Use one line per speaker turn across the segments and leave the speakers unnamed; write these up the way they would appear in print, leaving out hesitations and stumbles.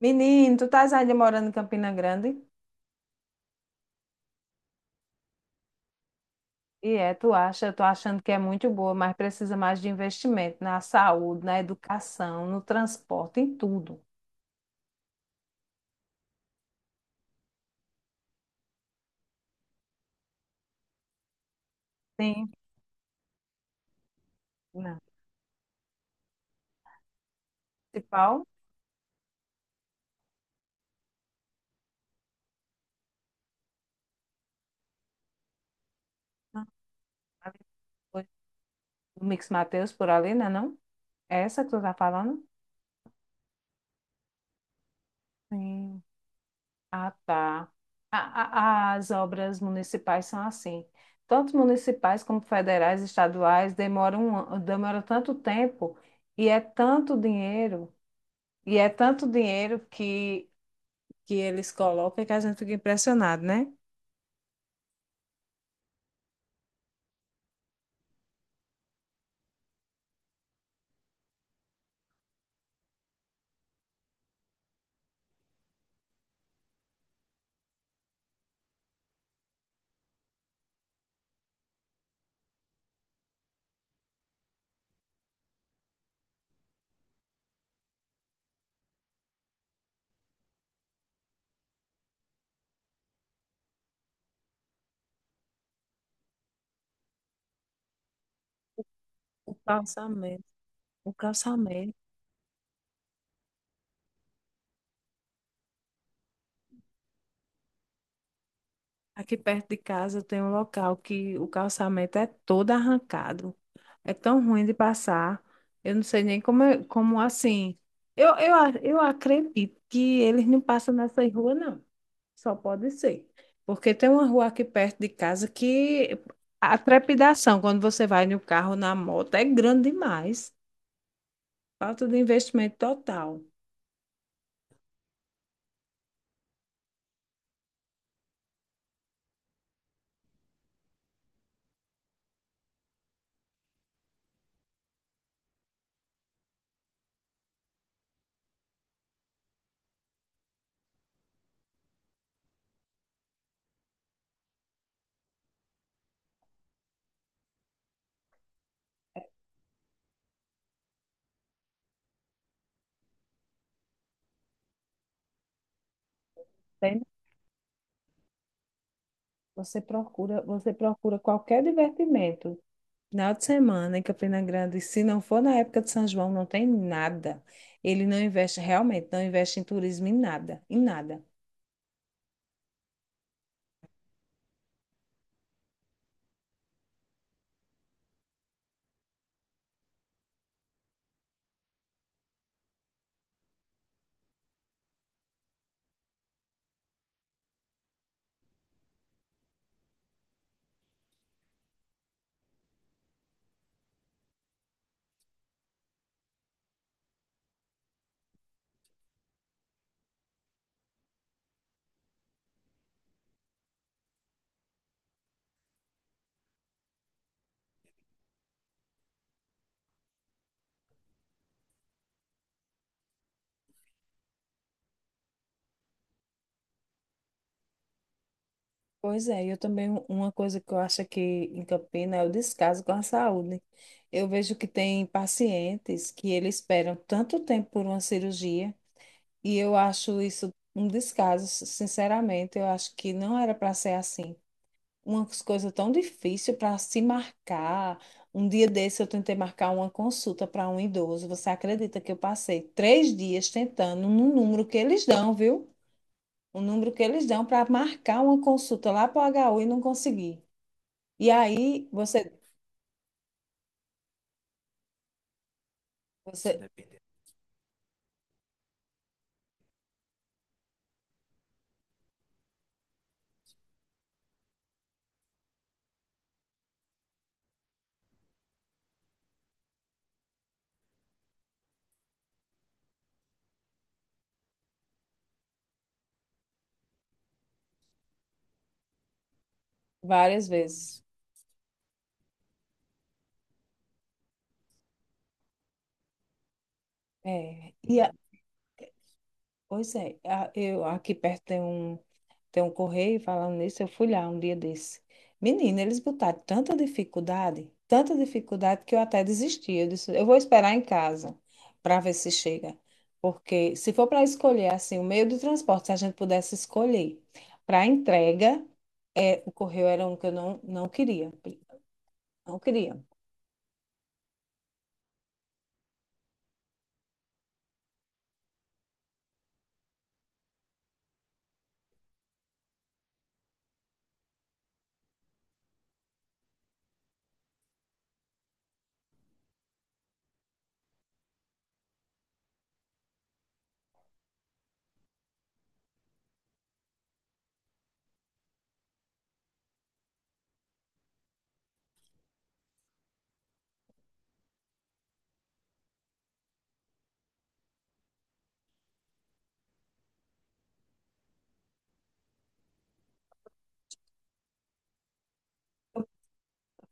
Menino, tu estás ainda morando em Campina Grande? E é, tu acha, eu tô achando que é muito boa, mas precisa mais de investimento na saúde, na educação, no transporte, em tudo. Sim. Não. Principal, não, ali foi o Mix Mateus por ali, né, não? É essa que tu tá falando? Sim. Ah, tá. As obras municipais são assim. Tanto municipais como federais, estaduais, demoram, demora tanto tempo e é tanto dinheiro. E é tanto dinheiro que eles colocam que a gente fica impressionado, né? O calçamento, o calçamento. Aqui perto de casa tem um local que o calçamento é todo arrancado. É tão ruim de passar. Eu não sei nem como, como assim. Eu acredito que eles não passam nessa rua, não. Só pode ser. Porque tem uma rua aqui perto de casa que a trepidação, quando você vai no carro, na moto, é grande demais. Falta de investimento total. Tem- você procura qualquer divertimento. Final de semana em Campina Grande, se não for na época de São João, não tem nada. Ele não investe, realmente, não investe em turismo em nada, em nada. Pois é, eu também, uma coisa que eu acho que em Campina é o descaso com a saúde. Eu vejo que tem pacientes que eles esperam tanto tempo por uma cirurgia e eu acho isso um descaso, sinceramente, eu acho que não era para ser assim. Umas coisas tão difíceis para se marcar. Um dia desse eu tentei marcar uma consulta para um idoso. Você acredita que eu passei três dias tentando no número que eles dão, viu? O número que eles dão para marcar uma consulta lá para o HU e não consegui. E aí você várias vezes. É, e a- eu aqui perto tem um. Tem um correio falando nisso, eu fui lá um dia desse. Menina, eles botaram tanta dificuldade que eu até desisti. Eu disse, eu vou esperar em casa para ver se chega. Porque se for para escolher assim, o meio de transporte, se a gente pudesse escolher para entrega, é, o correio era um que eu não, não queria. Não queria.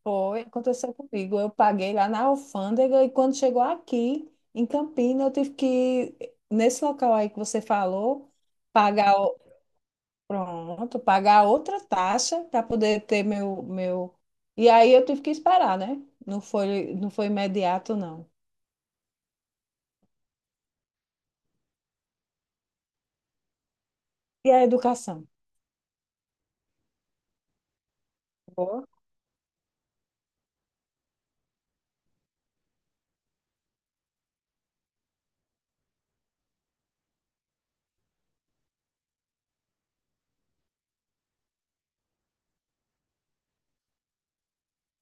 Foi, aconteceu comigo. Eu paguei lá na alfândega e quando chegou aqui, em Campina, eu tive que, nesse local aí que você falou, pagar. Pronto, pagar outra taxa para poder ter meu. E aí eu tive que esperar, né? Não foi imediato, não. E a educação? Boa.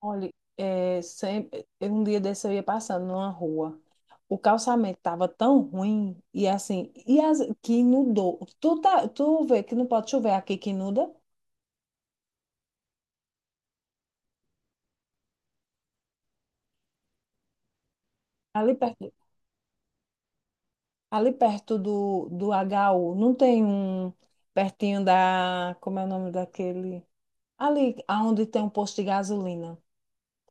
Olha, é, sempre, um dia desse eu ia passando numa rua. O calçamento estava tão ruim, e assim, e as, que inundou. Tu, tá, tu vê que não pode chover aqui que inunda? Ali perto, ali perto do HU, não tem um pertinho da. Como é o nome daquele? Ali, aonde tem um posto de gasolina.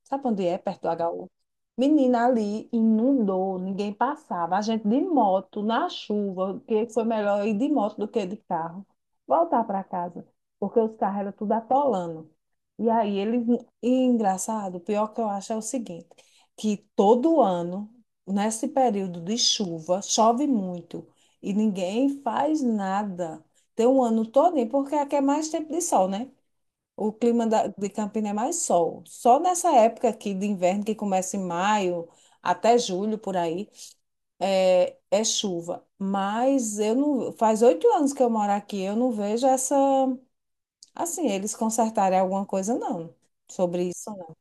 Sabe onde é? Perto do HU. Menina, ali inundou, ninguém passava. A gente de moto, na chuva, que foi melhor ir de moto do que de carro. Voltar para casa, porque os carros eram tudo atolando. E aí, eles... E engraçado, o pior que eu acho é o seguinte, que todo ano, nesse período de chuva, chove muito e ninguém faz nada. Tem um ano todo, porque aqui é mais tempo de sol, né? De Campina é mais sol. Só nessa época aqui de inverno, que começa em maio até julho, por aí, é chuva. Mas eu não, faz oito anos que eu moro aqui, eu não vejo essa, assim, eles consertarem alguma coisa, não, sobre isso, não.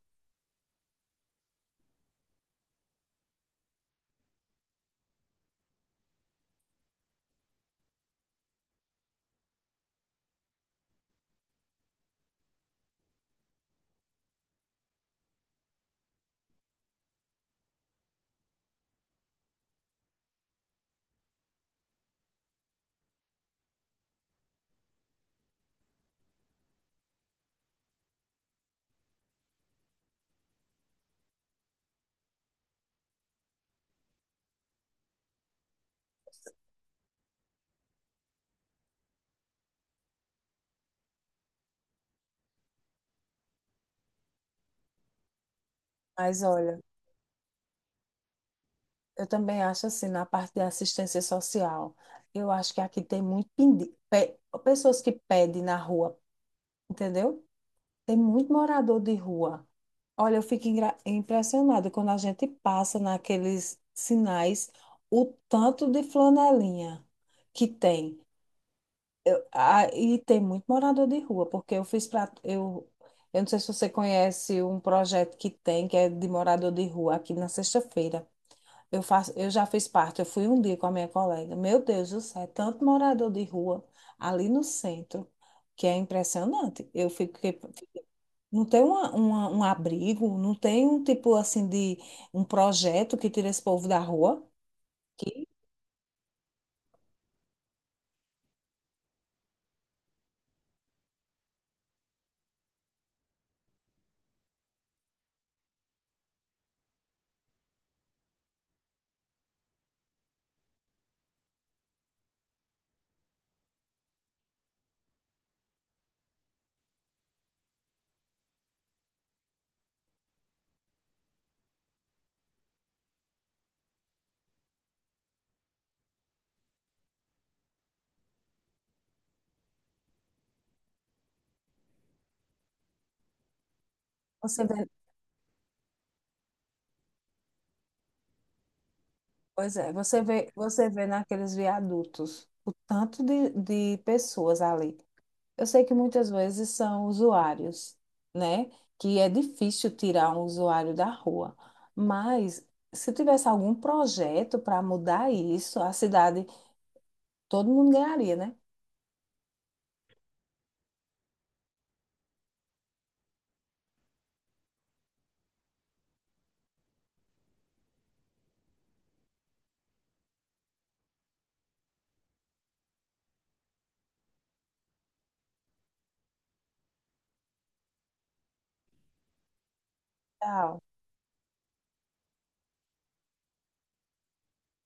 Mas olha, eu também acho assim, na parte da assistência social, eu acho que aqui tem muito pessoas que pedem na rua, entendeu? Tem muito morador de rua. Olha, eu fico impressionada quando a gente passa naqueles sinais, o tanto de flanelinha que tem. Ah, e tem muito morador de rua, porque eu fiz para eu não sei se você conhece um projeto que tem, que é de morador de rua, aqui na sexta-feira. Eu faço, eu já fiz parte, eu fui um dia com a minha colega. Meu Deus do céu, é tanto morador de rua ali no centro, que é impressionante. Eu fiquei, não tem um abrigo, não tem um tipo assim de um projeto que tira esse povo da rua. Você vê, você vê naqueles viadutos o tanto de pessoas ali. Eu sei que muitas vezes são usuários, né? Que é difícil tirar um usuário da rua. Mas se tivesse algum projeto para mudar isso, a cidade, todo mundo ganharia, né? Tchau.